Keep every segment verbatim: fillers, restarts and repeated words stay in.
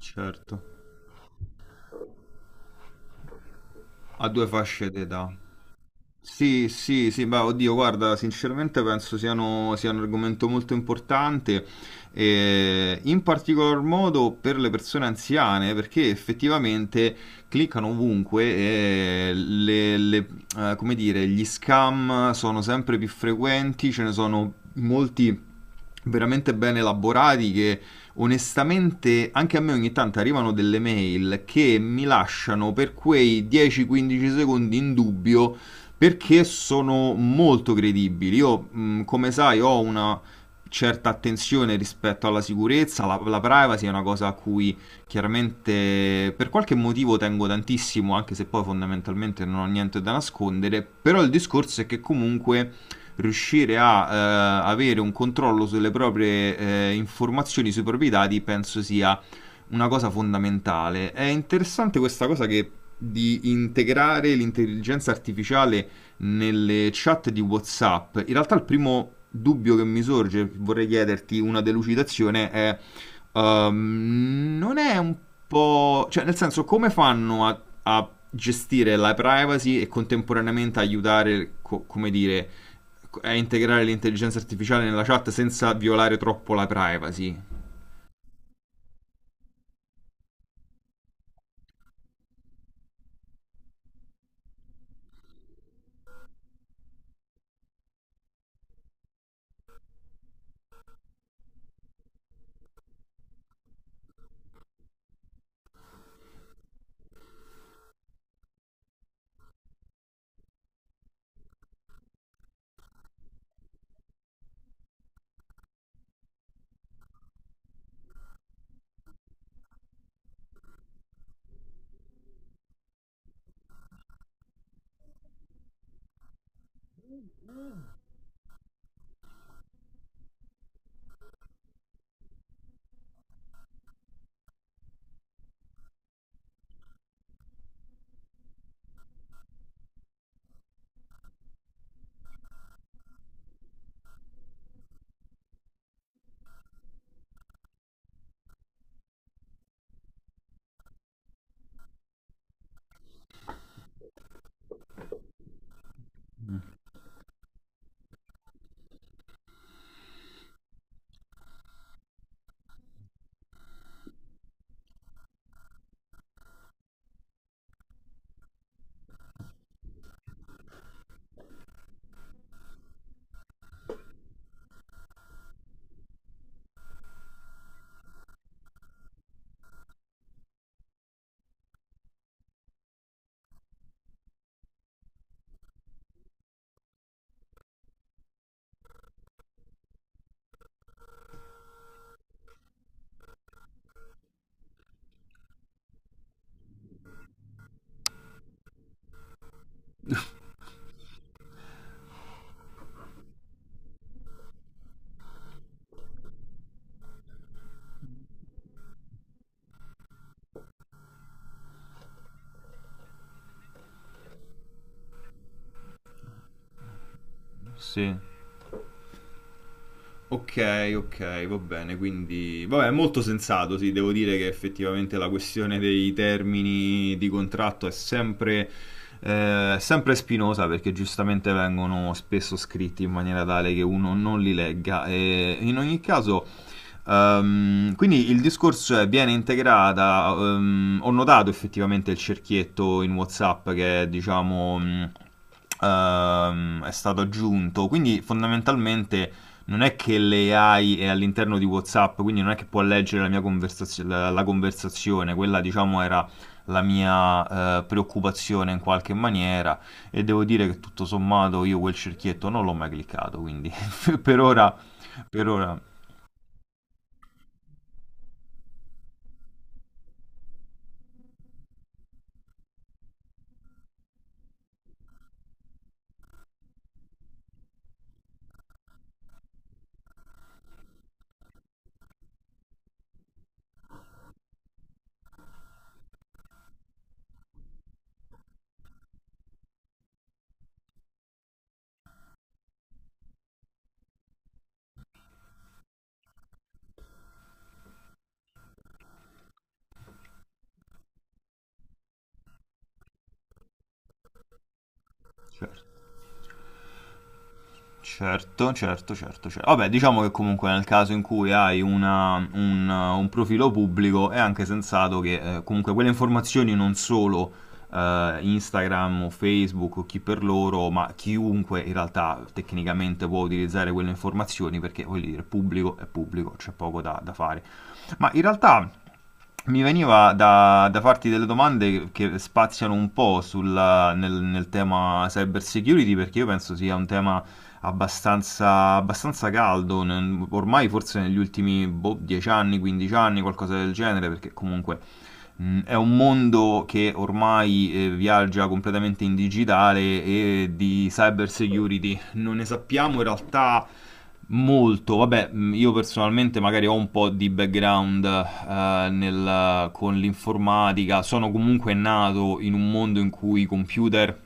Certo. Ha due fasce d'età. Sì, sì, sì, beh, oddio, guarda, sinceramente penso siano- sia un argomento molto importante, eh, in particolar modo per le persone anziane, perché effettivamente cliccano ovunque e le- le- eh, come dire, gli scam sono sempre più frequenti, ce ne sono molti veramente ben elaborati che onestamente anche a me ogni tanto arrivano delle mail che mi lasciano per quei dieci quindici secondi in dubbio perché sono molto credibili. Io, mh, come sai, ho una certa attenzione rispetto alla sicurezza, la, la privacy è una cosa a cui chiaramente per qualche motivo tengo tantissimo, anche se poi fondamentalmente non ho niente da nascondere, però il discorso è che comunque riuscire a eh, avere un controllo sulle proprie eh, informazioni, sui propri dati, penso sia una cosa fondamentale. È interessante questa cosa che di integrare l'intelligenza artificiale nelle chat di WhatsApp. In realtà il primo dubbio che mi sorge, vorrei chiederti una delucidazione, è ehm, non è un po'... cioè nel senso come fanno a, a gestire la privacy e contemporaneamente aiutare, co- come dire, a integrare l'intelligenza artificiale nella chat senza violare troppo la privacy? Sì. Ok, ok, va bene, quindi... Vabbè, è molto sensato, sì, devo dire che effettivamente la questione dei termini di contratto è sempre, eh, sempre spinosa perché giustamente vengono spesso scritti in maniera tale che uno non li legga e in ogni caso... Ehm, quindi il discorso è viene integrata, ehm, ho notato effettivamente il cerchietto in WhatsApp che è, diciamo, mh, ehm, è stato aggiunto, quindi fondamentalmente non è che l'A I è all'interno di WhatsApp, quindi non è che può leggere la mia conversazio- la, la conversazione, quella diciamo era la mia eh, preoccupazione in qualche maniera e devo dire che tutto sommato io quel cerchietto non l'ho mai cliccato, quindi per ora, per ora, certo. Certo, certo, certo, certo. Vabbè, diciamo che comunque nel caso in cui hai una- un, un profilo pubblico è anche sensato che eh, comunque quelle informazioni non solo eh, Instagram o Facebook o chi per loro, ma chiunque in realtà tecnicamente può utilizzare quelle informazioni perché voglio dire, pubblico è pubblico, c'è poco da da fare. Ma in realtà mi veniva da, da farti delle domande che spaziano un po' sulla- nel, nel tema cyber security perché io penso sia un tema abbastanza, abbastanza caldo, n- ormai forse negli ultimi boh, dieci anni, quindici anni, qualcosa del genere, perché comunque mh, è un mondo che ormai eh, viaggia completamente in digitale e di cyber security non ne sappiamo in realtà molto, vabbè, mh, io personalmente magari ho un po' di background eh, nel- con l'informatica, sono comunque nato in un mondo in cui i computer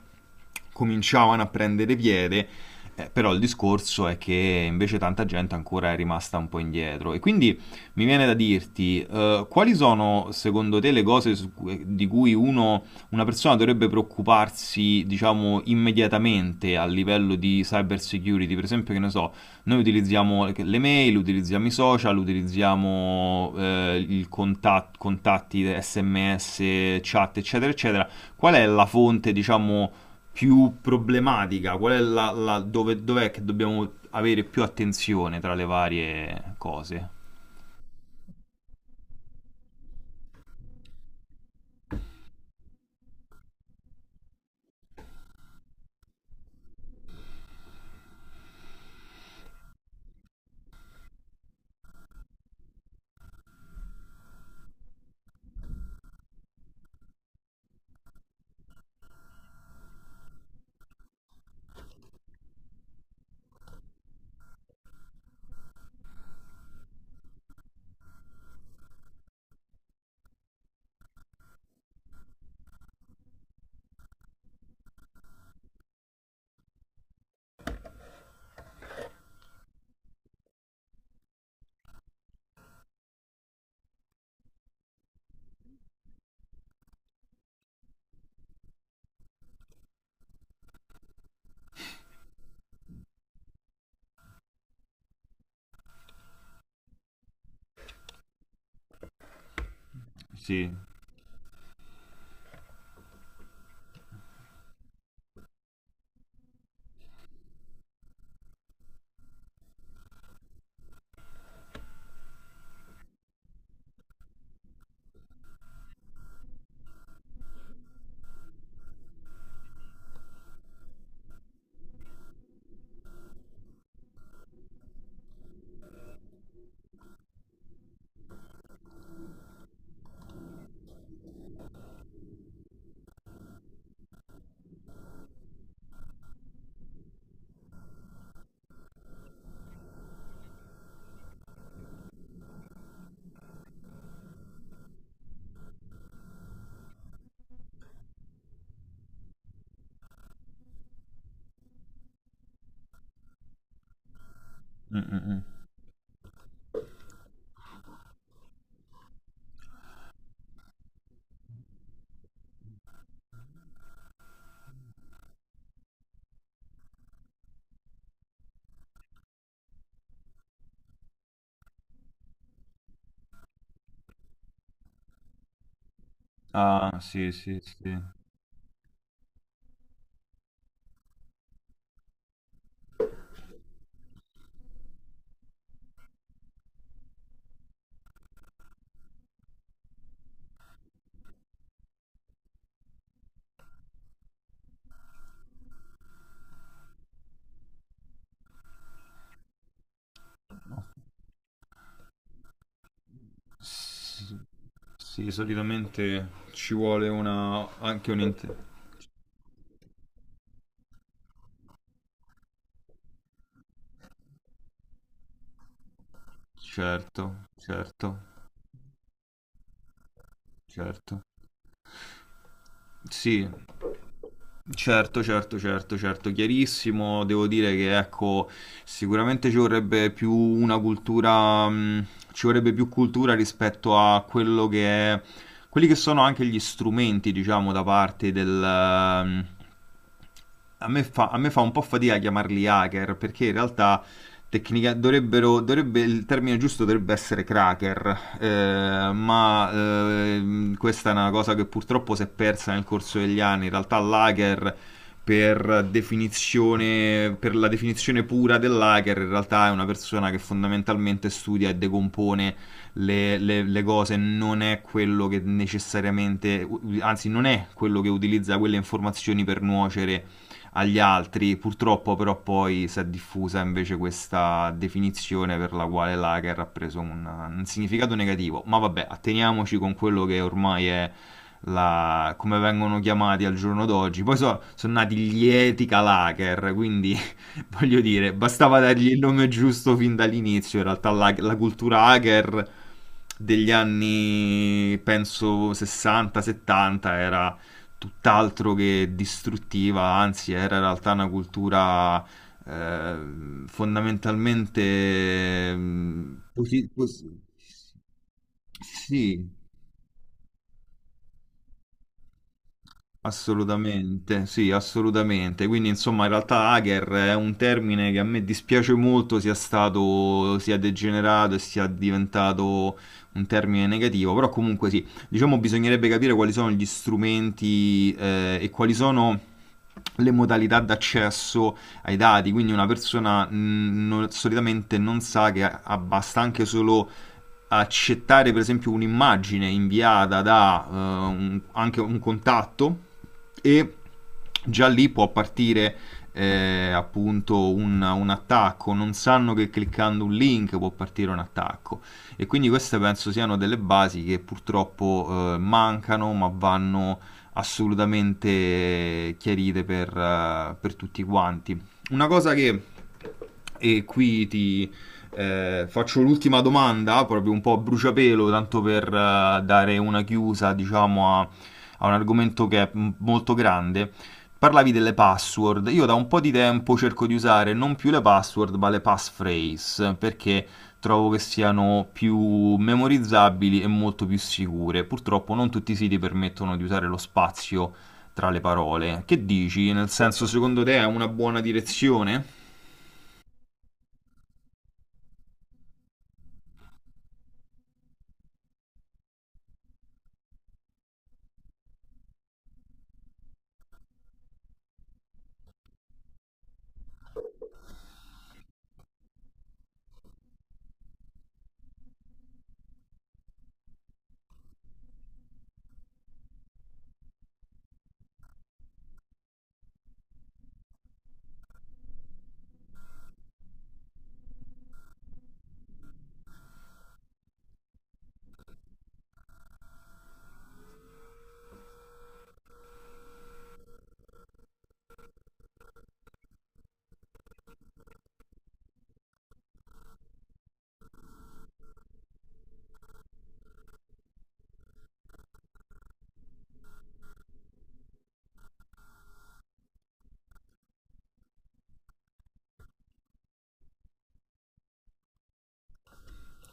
cominciavano a prendere piede, eh, però il discorso è che invece tanta gente ancora è rimasta un po' indietro. E quindi mi viene da dirti, eh, quali sono secondo te le cose su cui- di cui uno, una persona dovrebbe preoccuparsi, diciamo, immediatamente a livello di cyber security? Per esempio, che ne so noi utilizziamo le mail, utilizziamo i social, utilizziamo eh, il contat- contatti, S M S, chat, eccetera, eccetera. Qual è la fonte, diciamo, più problematica? Qual è la, la- dove, dov'è che dobbiamo avere più attenzione tra le varie cose? Sì. Mm, mm, mm. Ah, sì, sì, sì. S- sì, solitamente ci vuole una... anche un... int- Certo, certo, certo. Sì, certo, certo, certo, certo, chiarissimo. Devo dire che ecco, sicuramente ci vorrebbe più una cultura, mh, ci vorrebbe più cultura rispetto a quello che è, quelli che sono anche gli strumenti, diciamo, da parte del, mh, a me fa, a me fa un po' fatica chiamarli hacker, perché in realtà tecnica, dovrebbero, dovrebbe, il termine giusto dovrebbe essere cracker, eh, ma ehm, questa è una cosa che purtroppo si è persa nel corso degli anni. In realtà l'hacker, per definizione, per la definizione pura dell'hacker, in realtà è una persona che fondamentalmente studia e decompone le, le- le cose, non è quello che necessariamente, anzi non è quello che utilizza quelle informazioni per nuocere agli altri. Purtroppo però poi si è diffusa invece questa definizione per la quale lager ha preso un, un significato negativo. Ma vabbè, atteniamoci con quello che ormai è la- come vengono chiamati al giorno d'oggi. Poi so- sono nati gli Etica Lager, quindi voglio dire, bastava dargli il nome giusto fin dall'inizio. In realtà la, la cultura hacker degli anni, penso, sessanta settanta era tutt'altro che distruttiva, anzi era in realtà una cultura eh, fondamentalmente mm, posi- pos- sì, assolutamente, sì, assolutamente. Quindi, insomma, in realtà hacker è un termine che a me dispiace molto sia stato, sia degenerato e sia diventato un termine negativo, però comunque sì, diciamo bisognerebbe capire quali sono gli strumenti eh, e quali sono le modalità d'accesso ai dati, quindi una persona mh, non- solitamente non sa che ha- ha- basta anche solo accettare per esempio un'immagine inviata da eh, un- anche un contatto e già lì può partire eh, appunto un, un attacco, non sanno che cliccando un link può partire un attacco e quindi queste penso siano delle basi che purtroppo eh, mancano ma vanno assolutamente chiarite per, eh, per tutti quanti. Una cosa che, e qui ti, eh, faccio l'ultima domanda, proprio un po' a bruciapelo, tanto per eh, dare una chiusa, diciamo, a, a un argomento che è m- molto grande. Parlavi delle password. Io da un po' di tempo cerco di usare non più le password, ma le passphrase, perché trovo che siano più memorizzabili e molto più sicure. Purtroppo non tutti i siti permettono di usare lo spazio tra le parole. Che dici? Nel senso, secondo te è una buona direzione?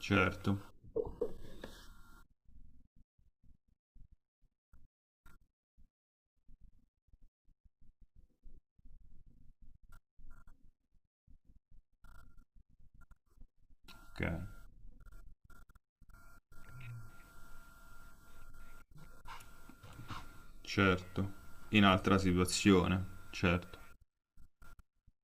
Certo. Ok. Certo, in altra situazione, certo,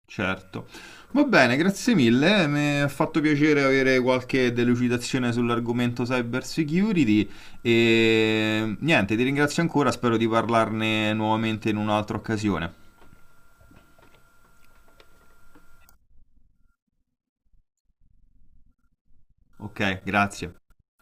certo. Va bene, grazie mille, mi ha fatto piacere avere qualche delucidazione sull'argomento cyber security e niente, ti ringrazio ancora, spero di parlarne nuovamente in un'altra occasione. Ok, grazie.